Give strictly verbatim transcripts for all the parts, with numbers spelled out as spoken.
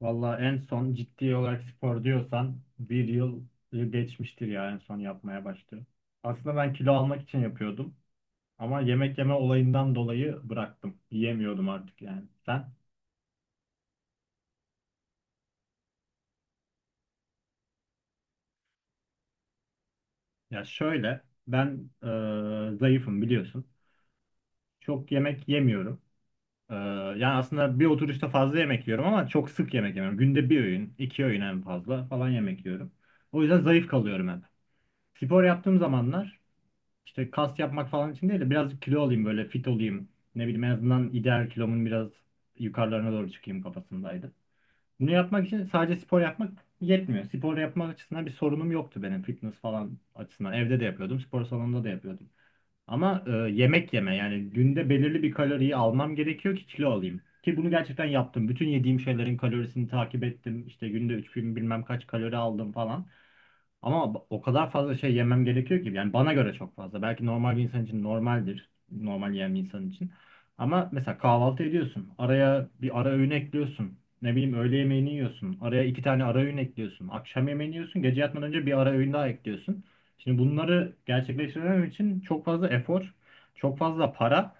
Valla en son ciddi olarak spor diyorsan bir yıl geçmiştir ya en son yapmaya başladım. Aslında ben kilo almak için yapıyordum ama yemek yeme olayından dolayı bıraktım. Yiyemiyordum artık yani. Sen? Ya şöyle ben e, zayıfım biliyorsun. Çok yemek yemiyorum. E, yani aslında bir oturuşta fazla yemek yiyorum ama çok sık yemek yemiyorum. Günde bir öğün, iki öğün en fazla falan yemek yiyorum. O yüzden zayıf kalıyorum hep. Spor yaptığım zamanlar İşte kas yapmak falan için değil de birazcık kilo olayım, böyle fit olayım. Ne bileyim, en azından ideal kilomun biraz yukarılarına doğru çıkayım kafasındaydı. Bunu yapmak için sadece spor yapmak yetmiyor. Spor yapmak açısından bir sorunum yoktu benim, fitness falan açısından. Evde de yapıyordum, spor salonunda da yapıyordum. Ama e, yemek yeme, yani günde belirli bir kaloriyi almam gerekiyor ki kilo alayım. Ki bunu gerçekten yaptım. Bütün yediğim şeylerin kalorisini takip ettim. İşte günde üç bin bilmem kaç kalori aldım falan. Ama b- o kadar fazla şey yemem gerekiyor ki, yani bana göre çok fazla. Belki normal bir insan için normaldir. Normal yiyen bir insan için. Ama mesela kahvaltı ediyorsun. Araya bir ara öğün ekliyorsun. Ne bileyim, öğle yemeğini yiyorsun. Araya iki tane ara öğün ekliyorsun. Akşam yemeğini yiyorsun. Gece yatmadan önce bir ara öğün daha ekliyorsun. Şimdi bunları gerçekleştirmem için çok fazla efor, çok fazla para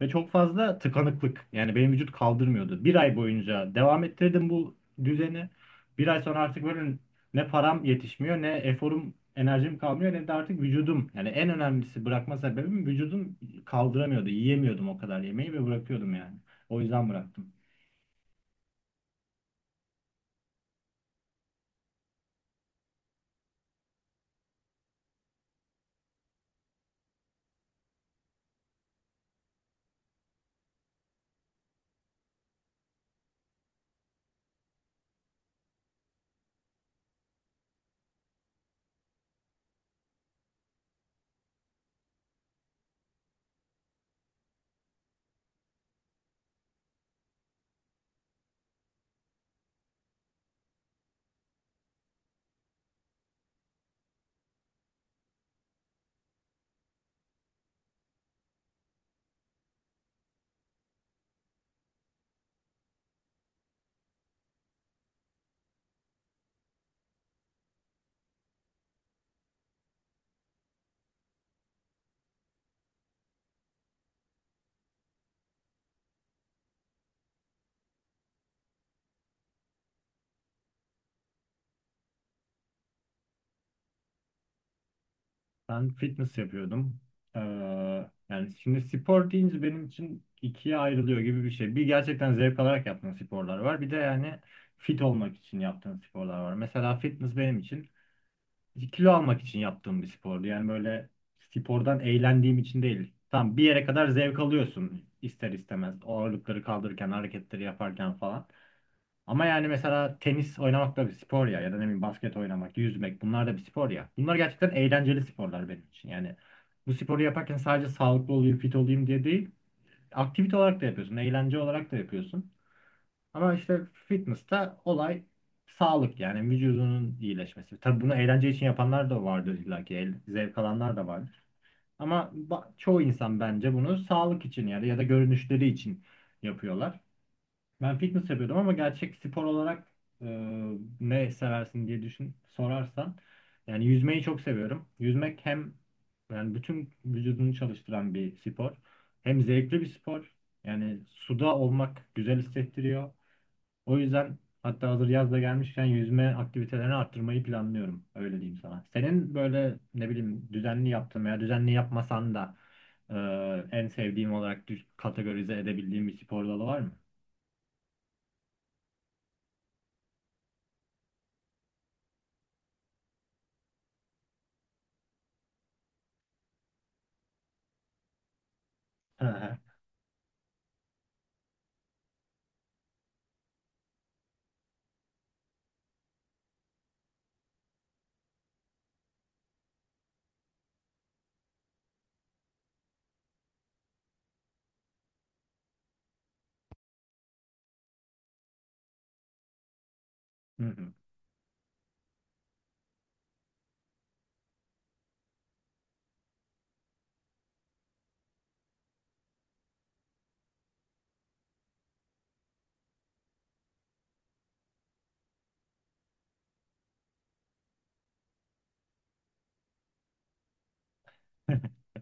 ve çok fazla tıkanıklık. Yani benim vücut kaldırmıyordu. Bir ay boyunca devam ettirdim bu düzeni. Bir ay sonra artık böyle ne param yetişmiyor, ne eforum, enerjim kalmıyor, ne de artık vücudum. Yani en önemlisi bırakma sebebim vücudum kaldıramıyordu. Yiyemiyordum o kadar yemeği ve bırakıyordum yani. O yüzden bıraktım. Ben fitness yapıyordum. Ee, Yani şimdi spor deyince benim için ikiye ayrılıyor gibi bir şey. Bir gerçekten zevk alarak yaptığım sporlar var. Bir de yani fit olmak için yaptığım sporlar var. Mesela fitness benim için kilo almak için yaptığım bir spordu. Yani böyle spordan eğlendiğim için değil. Tamam, bir yere kadar zevk alıyorsun ister istemez. O ağırlıkları kaldırırken, hareketleri yaparken falan. Ama yani mesela tenis oynamak da bir spor ya, ya da ne bileyim basket oynamak, yüzmek, bunlar da bir spor ya. Bunlar gerçekten eğlenceli sporlar benim için. Yani bu sporu yaparken sadece sağlıklı olayım, fit olayım diye değil, aktivite olarak da yapıyorsun, eğlence olarak da yapıyorsun. Ama işte fitness'ta olay sağlık, yani vücudunun iyileşmesi. Tabii bunu eğlence için yapanlar da vardır illa ki, el- zevk alanlar da vardır. Ama ba- çoğu insan bence bunu sağlık için, yani ya da görünüşleri için yapıyorlar. Ben fitness yapıyordum ama gerçek spor olarak e, ne seversin diye düşün, sorarsan yani yüzmeyi çok seviyorum. Yüzmek hem yani bütün vücudunu çalıştıran bir spor, hem zevkli bir spor. Yani suda olmak güzel hissettiriyor. O yüzden hatta hazır yaz da gelmişken yüzme aktivitelerini arttırmayı planlıyorum. Öyle diyeyim sana. Senin böyle ne bileyim düzenli yaptığın veya düzenli yapmasan da e, en sevdiğim olarak düş- kategorize edebildiğim bir spor dalı var mı? Hı hı.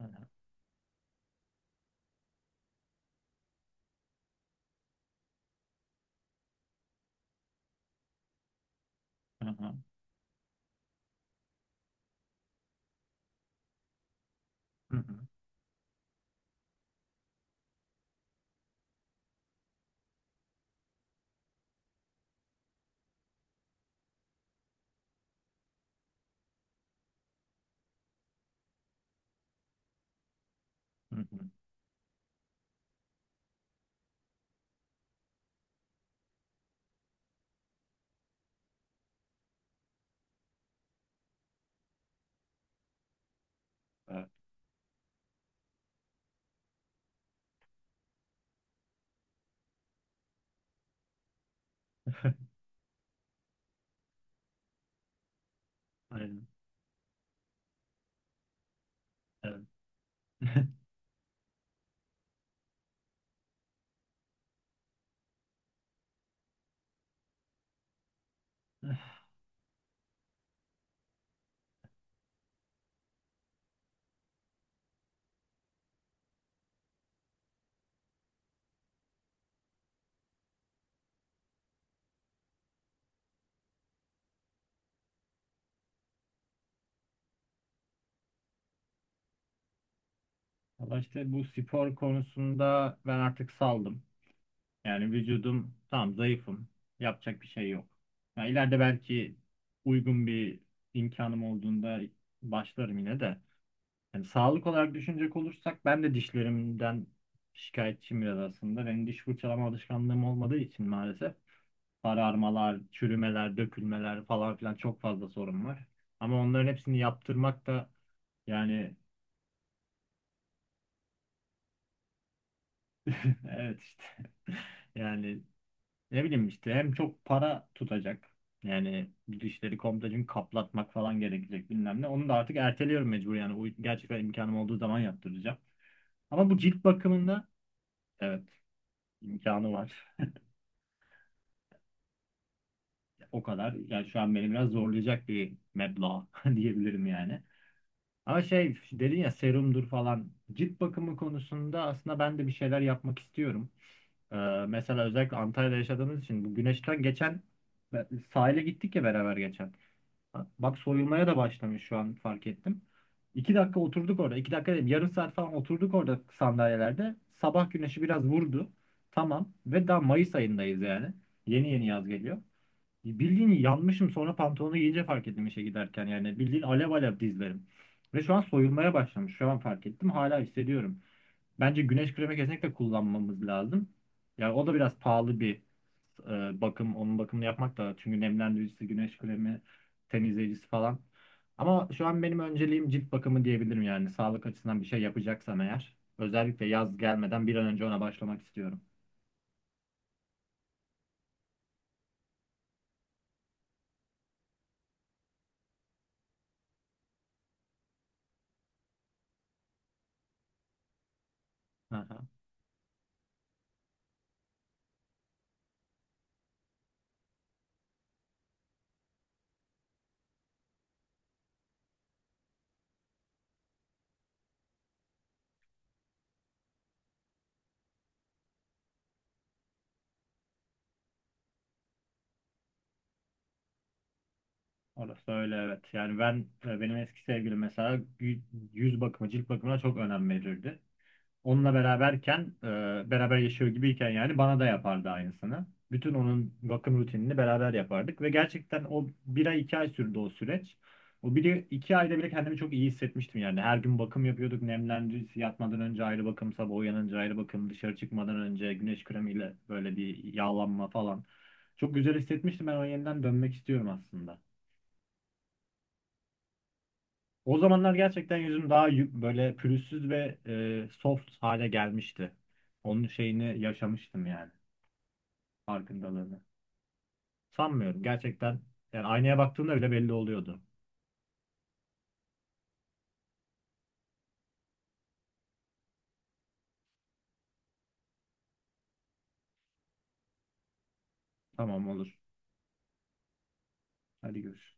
Hı hı. Hı hı hı. Hı hı. Evet. Aynen. Evet. Valla işte bu spor konusunda ben artık saldım. Yani vücudum tam zayıfım. Yapacak bir şey yok. Ya ileride belki uygun bir imkanım olduğunda başlarım yine de. Yani sağlık olarak düşünecek olursak ben de dişlerimden şikayetçiyim biraz aslında. Benim diş fırçalama alışkanlığım olmadığı için maalesef. Sararmalar, çürümeler, dökülmeler falan filan çok fazla sorun var. Ama onların hepsini yaptırmak da yani evet işte yani ne bileyim işte hem çok para tutacak, yani bu dişleri komple çünkü kaplatmak falan gerekecek, bilmem ne. Onu da artık erteliyorum mecbur, yani o gerçekten imkanım olduğu zaman yaptıracağım. Ama bu cilt bakımında evet imkanı var. O kadar yani şu an beni biraz zorlayacak bir meblağ diyebilirim yani. Ama şey dedin ya, serumdur falan. Cilt bakımı konusunda aslında ben de bir şeyler yapmak istiyorum. Ee, Mesela özellikle Antalya'da yaşadığımız için bu güneşten, geçen sahile gittik ya beraber geçen. Bak soyulmaya da başlamış şu an fark ettim. İki dakika oturduk orada. İki dakika değil, yarım saat falan oturduk orada sandalyelerde. Sabah güneşi biraz vurdu. Tamam. Ve daha Mayıs ayındayız yani. Yeni yeni yaz geliyor. Bildiğin yanmışım, sonra pantolonu giyince fark ettim işe giderken, yani bildiğin alev alev dizlerim. Ve şu an soyulmaya başlamış. Şu an fark ettim. Hala hissediyorum. Bence güneş kremi kesinlikle kullanmamız lazım. Yani o da biraz pahalı bir e, bakım. Onun bakımını yapmak da, çünkü nemlendiricisi, güneş kremi, temizleyicisi falan. Ama şu an benim önceliğim cilt bakımı diyebilirim yani. Sağlık açısından bir şey yapacaksam eğer. Özellikle yaz gelmeden bir an önce ona başlamak istiyorum. Orası öyle, evet. Yani ben e, benim eski sevgilim mesela gü- yüz bakımı, cilt bakımına çok önem verirdi. Onunla beraberken, e, beraber yaşıyor gibiyken yani bana da yapardı aynısını. Bütün onun bakım rutinini beraber yapardık ve gerçekten o bir ay iki ay sürdü o süreç. O bir iki ayda bile kendimi çok iyi hissetmiştim yani. Her gün bakım yapıyorduk. Nemlendirici yatmadan önce ayrı bakım, sabah uyanınca ayrı bakım, dışarı çıkmadan önce güneş kremiyle böyle bir yağlanma falan. Çok güzel hissetmiştim. Ben o yeniden dönmek istiyorum aslında. O zamanlar gerçekten yüzüm daha yü- böyle pürüzsüz ve e, soft hale gelmişti. Onun şeyini yaşamıştım yani farkındalığını. Sanmıyorum gerçekten, yani aynaya baktığımda bile belli oluyordu. Tamam, olur. Hadi görüş.